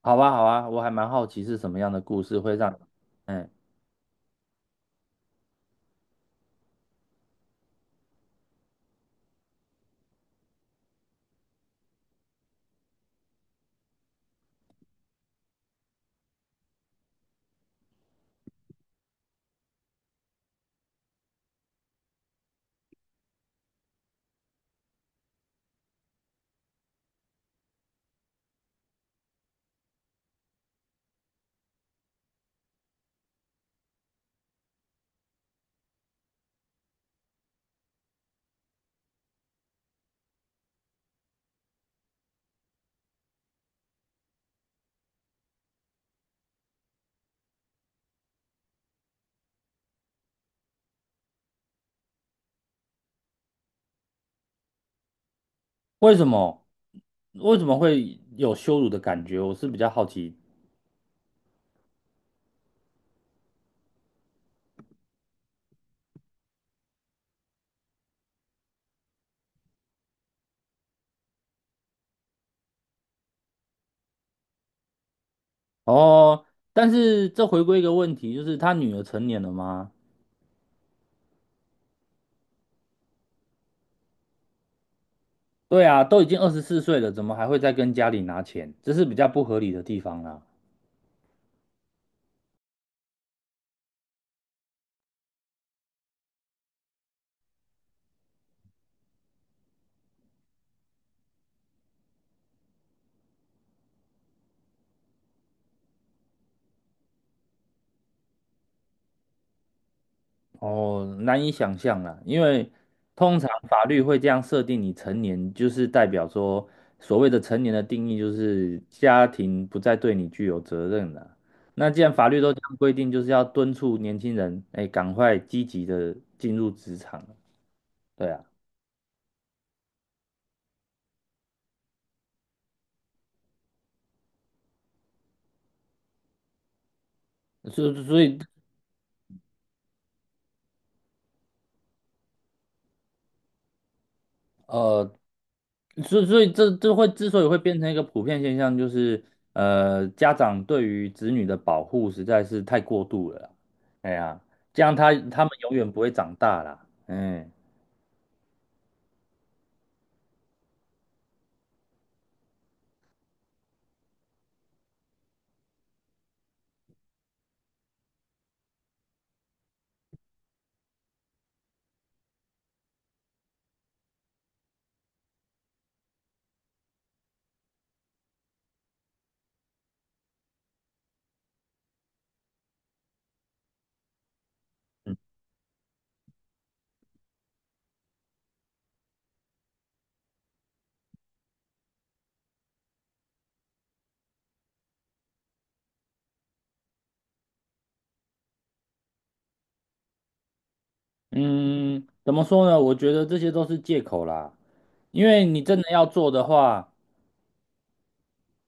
好吧，好啊，我还蛮好奇是什么样的故事会让你，嗯，为什么为什么会有羞辱的感觉？我是比较好奇。哦，但是这回归一个问题，就是他女儿成年了吗？对啊，都已经二十四岁了，怎么还会再跟家里拿钱？这是比较不合理的地方啦。哦，难以想象啦，因为通常法律会这样设定你成年，就是代表说所谓的成年的定义就是家庭不再对你具有责任了。那既然法律都这样规定，就是要敦促年轻人，哎，赶快积极的进入职场。对啊，所以呃，所以这会之所以会变成一个普遍现象，就是家长对于子女的保护实在是太过度了啦。哎呀，这样他们永远不会长大啦。嗯嗯，怎么说呢？我觉得这些都是借口啦。因为你真的要做的话，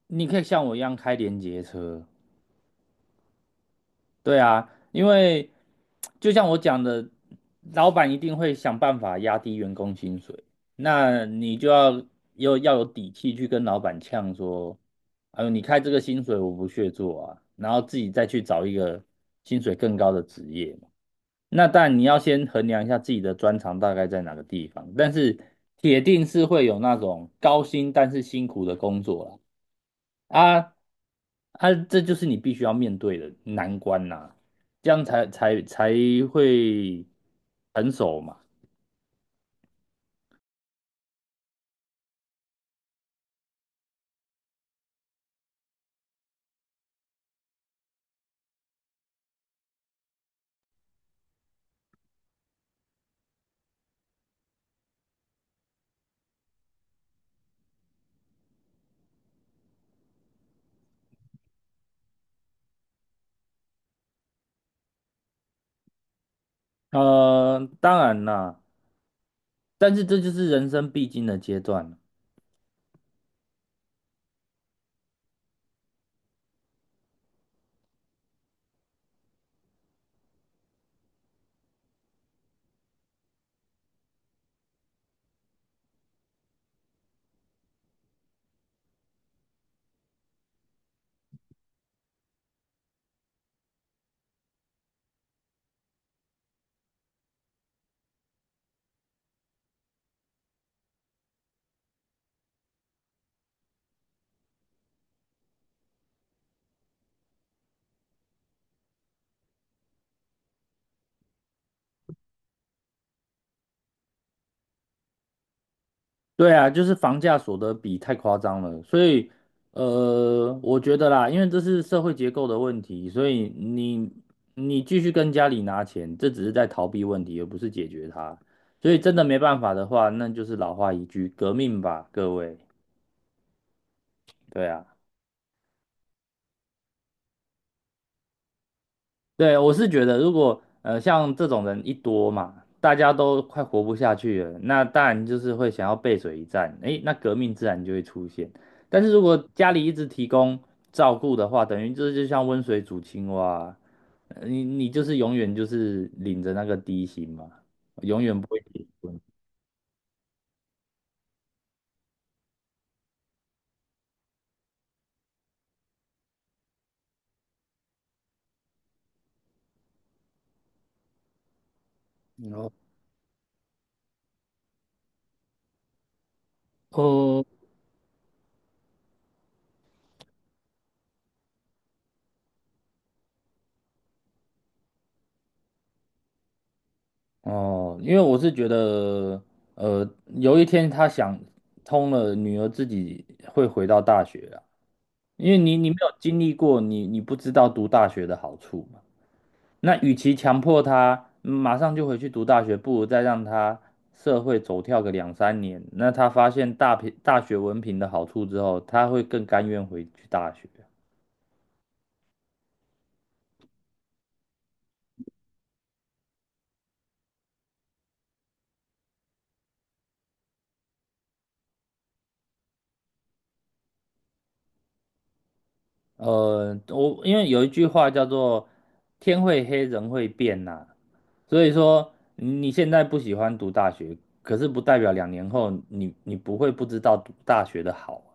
你可以像我一样开联结车。对啊，因为就像我讲的，老板一定会想办法压低员工薪水，那你就要要有底气去跟老板呛说，哎呦，你开这个薪水我不屑做啊，然后自己再去找一个薪水更高的职业嘛。那但你要先衡量一下自己的专长大概在哪个地方，但是铁定是会有那种高薪但是辛苦的工作啦。啊啊，这就是你必须要面对的难关呐、这样才会成熟嘛。当然啦，但是这就是人生必经的阶段。对啊，就是房价所得比太夸张了，所以我觉得啦，因为这是社会结构的问题，所以你继续跟家里拿钱，这只是在逃避问题，而不是解决它。所以真的没办法的话，那就是老话一句，革命吧，各位。对啊。对，我是觉得，如果像这种人一多嘛，大家都快活不下去了，那当然就是会想要背水一战，诶，那革命自然就会出现。但是如果家里一直提供照顾的话，等于就是就像温水煮青蛙，你就是永远就是领着那个低薪嘛，永远不会结婚。哦，哦，因为我是觉得，呃，有一天他想通了，女儿自己会回到大学啊。因为你没有经历过，你不知道读大学的好处嘛。那与其强迫他马上就回去读大学，不如再让他社会走跳个两三年。那他发现大学文凭的好处之后，他会更甘愿回去大学。我因为有一句话叫做"天会黑，人会变"呐，所以说你现在不喜欢读大学，可是不代表两年后你不会不知道读大学的好啊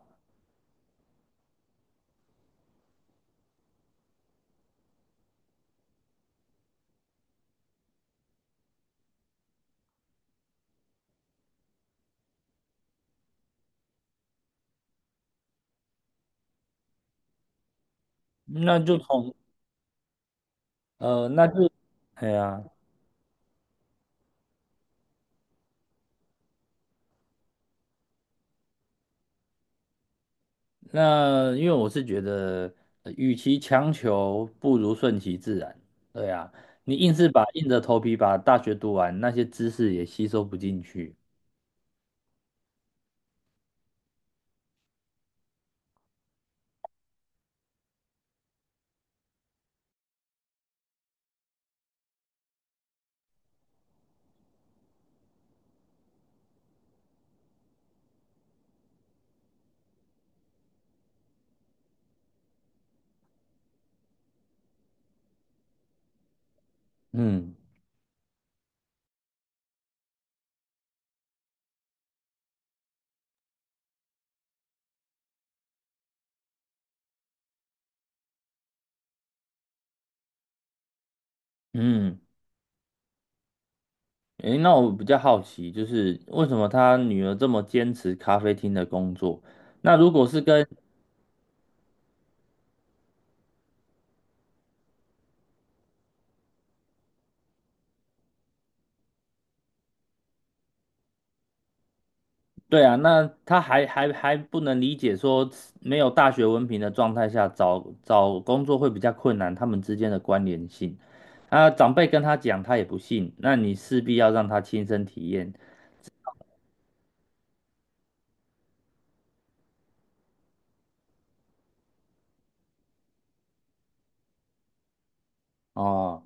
那就从呃，那就，哎呀，那因为我是觉得，与其强求，不如顺其自然。对呀，你硬是把硬着头皮把大学读完，那些知识也吸收不进去。嗯嗯，诶，那我比较好奇，就是为什么他女儿这么坚持咖啡厅的工作？那如果是跟对啊，那他还不能理解说没有大学文凭的状态下找工作会比较困难，他们之间的关联性。啊，长辈跟他讲，他也不信，那你势必要让他亲身体验哦，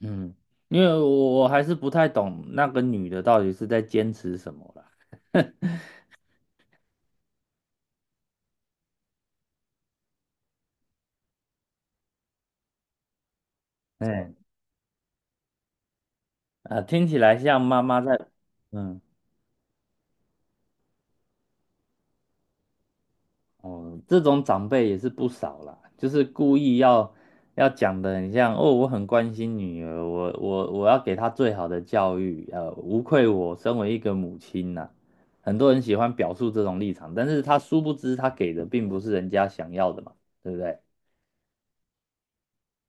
嗯，因为我还是不太懂那个女的到底是在坚持什么啦。哎，啊，听起来像妈妈在，嗯。哦，这种长辈也是不少啦，就是故意要讲的很像哦，我很关心女儿，我要给她最好的教育，无愧我身为一个母亲呐、很多人喜欢表述这种立场，但是他殊不知他给的并不是人家想要的嘛，对不对？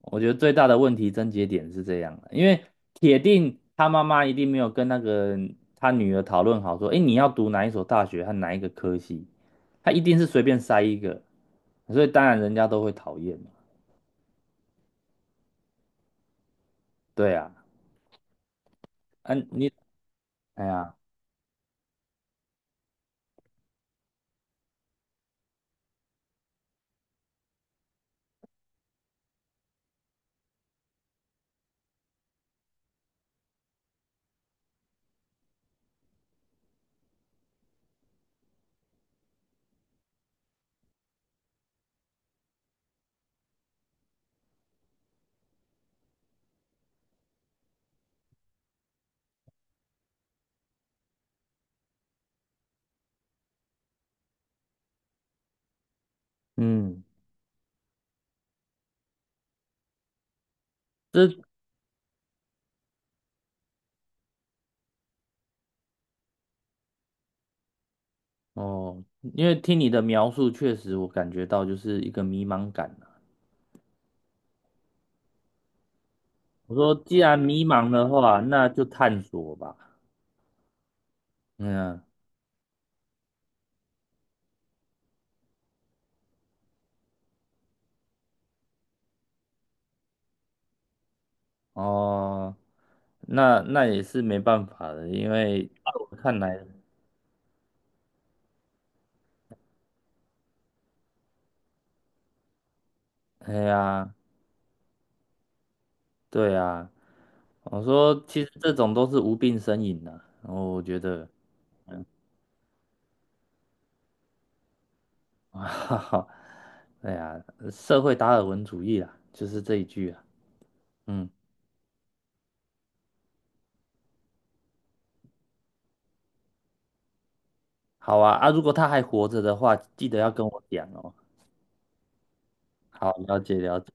我觉得最大的问题症结点是这样的，因为铁定他妈妈一定没有跟那个他女儿讨论好说，诶，你要读哪一所大学和哪一个科系，他一定是随便塞一个，所以当然人家都会讨厌嘛。对啊，啊你，哎呀，嗯，这哦，因为听你的描述，确实我感觉到就是一个迷茫感啊我说既然迷茫的话，那就探索吧。嗯，哦。那那也是没办法的，因为在我看来，哎呀，对呀，我说其实这种都是无病呻吟的，然后我觉得，哈哈，哎呀，社会达尔文主义啊，就是这一句啊，嗯，好啊，啊，如果他还活着的话，记得要跟我讲哦，好，了解了解。